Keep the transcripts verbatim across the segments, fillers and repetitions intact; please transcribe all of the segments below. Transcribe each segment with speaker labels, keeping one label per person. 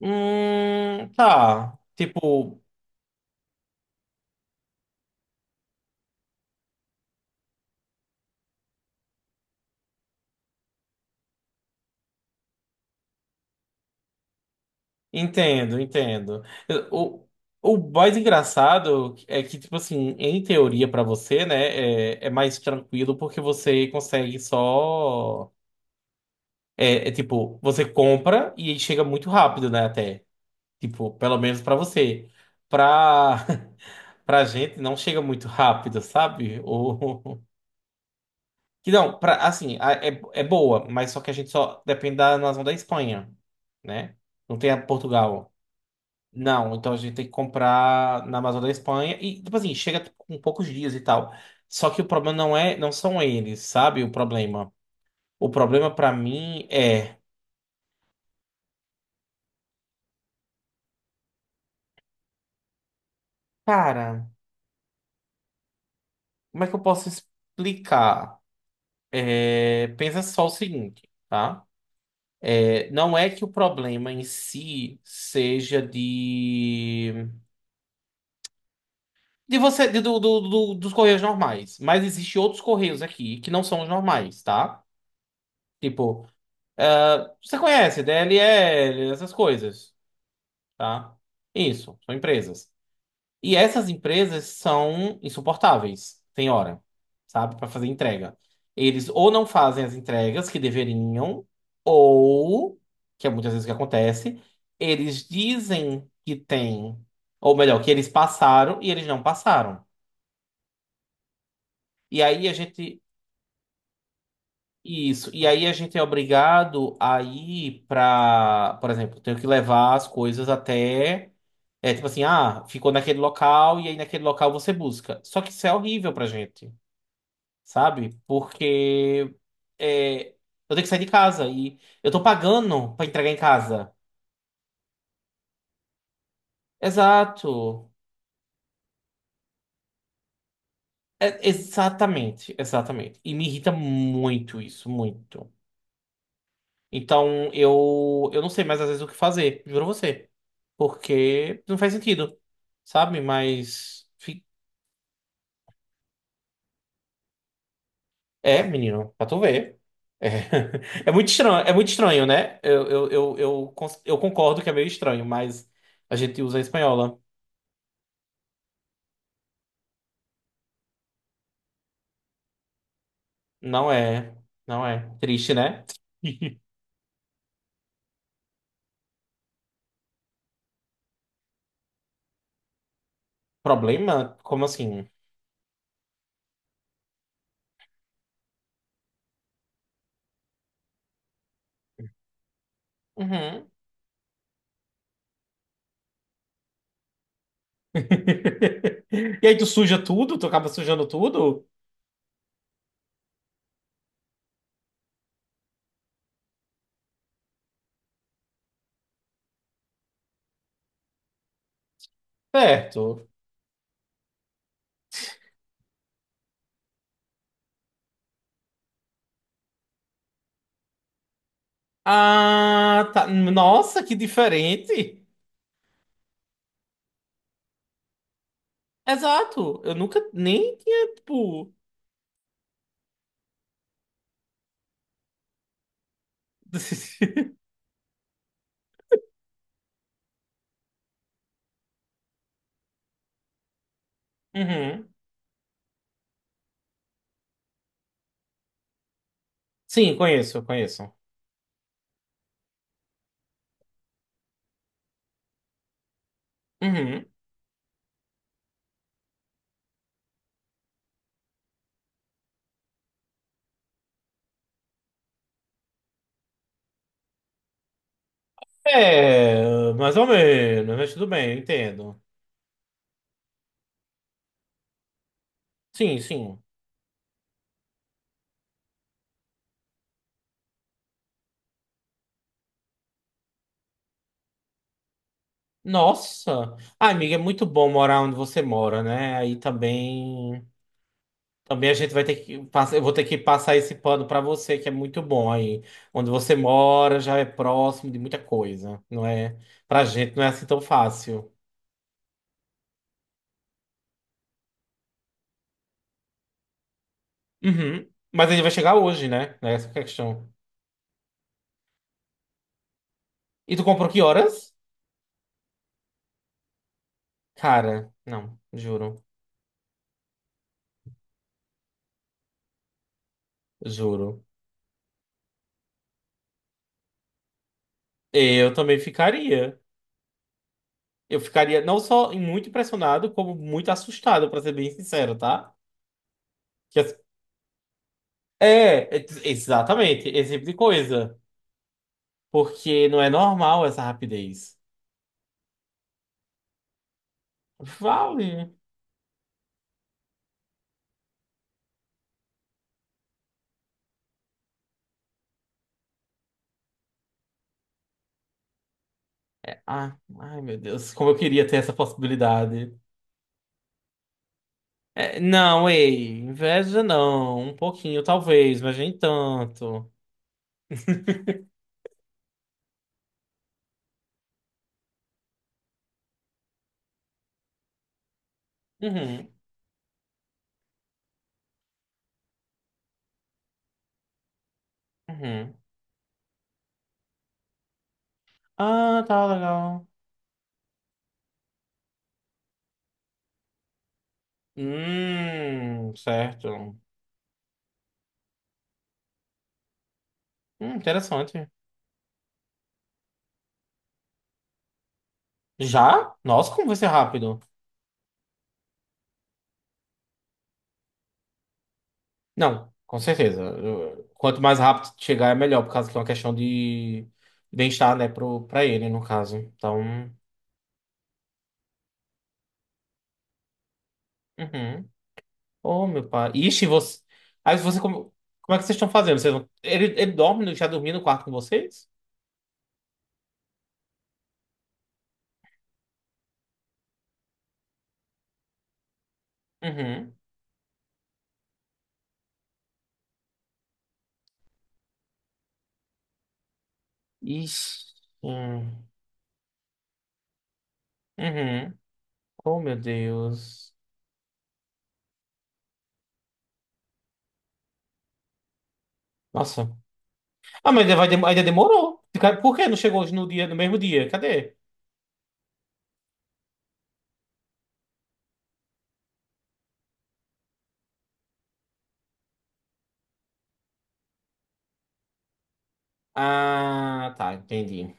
Speaker 1: Hum, tá. Tipo, entendo, entendo. Eu- O, o mais engraçado é que, tipo assim, em teoria pra você, né, é, é mais tranquilo porque você consegue só. É, é tipo, você compra e aí chega muito rápido, né, até. Tipo, pelo menos pra você. Pra, pra gente não chega muito rápido, sabe? O, Que não, pra, assim, a- é, é boa, mas só que a gente só depende da nação da Espanha, né? Não tem a Portugal. Não, então a gente tem que comprar na Amazon da Espanha e, tipo assim, chega tipo, com poucos dias e tal. Só que o problema não é, não são eles, sabe? O problema. O problema pra mim é, cara, como é que eu posso explicar? É, pensa só o seguinte, tá? É, não é que o problema em si seja de de você, de- do, do- do- dos correios normais. Mas existem outros correios aqui que não são os normais, tá? Tipo, ah, você conhece D L L, essas coisas, tá? Isso, são empresas. E essas empresas são insuportáveis, tem hora, sabe? Para fazer entrega. Eles ou não fazem as entregas que deveriam, ou, que é muitas vezes o que acontece, eles dizem que tem, ou melhor, que eles passaram e eles não passaram. E aí a gente Isso. E aí a gente é obrigado a ir pra, por exemplo, tenho que levar as coisas até. É tipo assim, ah, ficou naquele local e aí naquele local você busca. Só que isso é horrível pra gente, sabe? Porque é, eu tenho que sair de casa e eu tô pagando pra entregar em casa. Exato. É- exatamente, exatamente. E me irrita muito isso, muito. Então eu, eu não sei mais às vezes o que fazer, juro a você. Porque não faz sentido, sabe? Mas. fi- É, menino, pra tu ver. É, é muito estranho, é muito estranho, né? Eu, eu, eu, eu, cons- eu concordo que é meio estranho, mas a gente usa a espanhola. Não é. Não é. Triste, né? Problema? Como assim? Uhum. E aí tu suja tudo? Tu acaba sujando tudo? Certo. Ah, tá. Nossa, que diferente. Exato. Eu nunca nem tinha, tipo. Uhum. Sim, conheço, conheço. Uhum. É, mais ou menos, mas tudo bem, eu entendo. Sim, sim. Nossa. Ah, amiga, é muito bom morar onde você mora, né? Aí também. Também a gente vai ter que passar, eu vou ter que passar esse pano pra você, que é muito bom aí. Onde você mora já é próximo de muita coisa, não é? Pra gente não é assim tão fácil. Uhum. Mas ele vai chegar hoje, né? É essa que é a questão. E tu comprou que horas? Cara, não, juro, juro. Eu também ficaria. Eu ficaria não só muito impressionado, como muito assustado, pra ser bem sincero, tá? Que as- É, é, exatamente, esse tipo de coisa. Porque não é normal essa rapidez. Vale. Ah, ai, meu Deus, como eu queria ter essa possibilidade. É, não, ei, inveja não. Um pouquinho, talvez, mas nem tanto. Uhum. Uhum. Ah, tá legal. Hum, certo. Hum, interessante. Já? Nossa, como vai ser rápido. Não, com certeza. Eu- Quanto mais rápido chegar, é melhor, por causa que é uma questão de bem-estar, né, pro, pra ele, no caso. Então, uhum. Oh, meu pai. Ixi, você... Aí você, como... Como é que vocês estão fazendo? Vocês vão- Ele, ele dorme, no- já dormiu no quarto com vocês? Uhum. Ixi. Hum. Uhum. Oh, meu Deus. Nossa. Ah, mas ainda, vai dem- ainda demorou. Fica- Por que não chegou hoje no dia, no mesmo dia? Cadê? Ah, tá, entendi.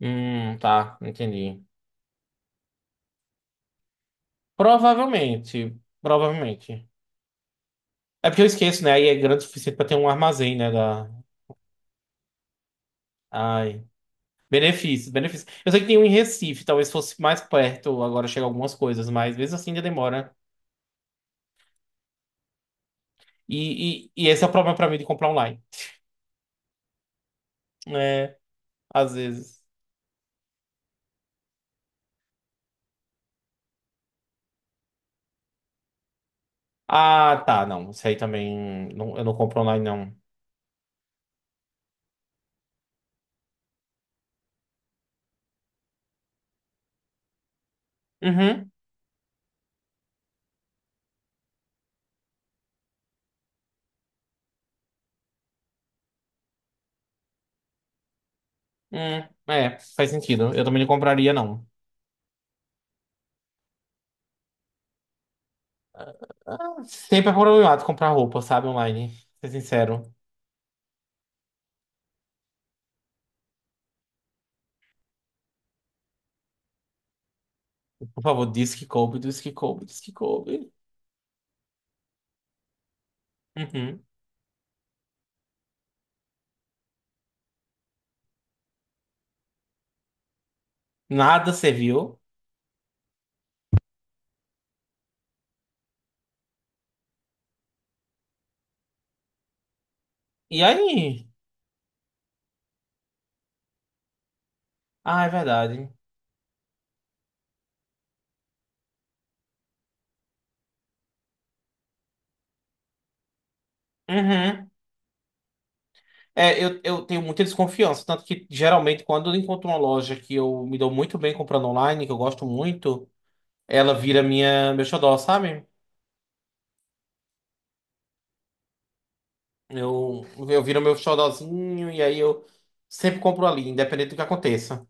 Speaker 1: Hum, tá, entendi. Provavelmente, provavelmente. É porque eu esqueço, né? Aí é grande o suficiente pra ter um armazém, né? Da... Ai. Benefícios, benefícios. Eu sei que tem um em Recife, talvez fosse mais perto, agora chega algumas coisas, mas mesmo assim ainda demora. E, e, e esse é o problema pra mim de comprar online. É, às vezes. Ah, tá, não. Isso aí também. Não- eu não compro online, não. Uhum. Hum, é, faz sentido. Eu também não compraria, não. Ah, sempre é problemático comprar roupa, sabe, online. Ser sincero. Por favor, diz que coube, diz que coube, diz que coube. Uhum. Nada serviu. E aí? Ah, é verdade. Uhum. É, eu, eu tenho muita desconfiança. Tanto que, geralmente, quando eu encontro uma loja que eu me dou muito bem comprando online, que eu gosto muito, ela vira minha, meu xodó, sabe? Eu, eu viro meu xodózinho e aí eu sempre compro ali, independente do que aconteça.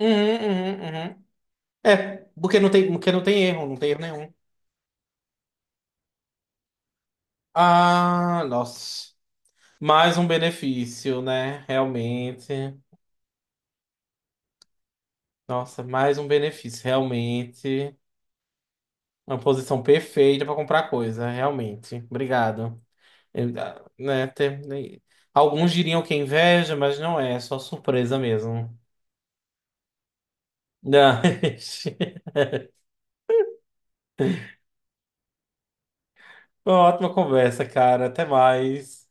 Speaker 1: Uhum, uhum, uhum. É, porque não tem, porque não tem erro, não tem erro nenhum. Ah, nossa. Mais um benefício, né? Realmente. Nossa, mais um benefício, realmente. Uma posição perfeita para comprar coisa, realmente. Obrigado. Eu, ah, né, tem- né, Alguns diriam que é inveja, mas não é, é só surpresa mesmo. Não. Ótima conversa, cara. Até mais.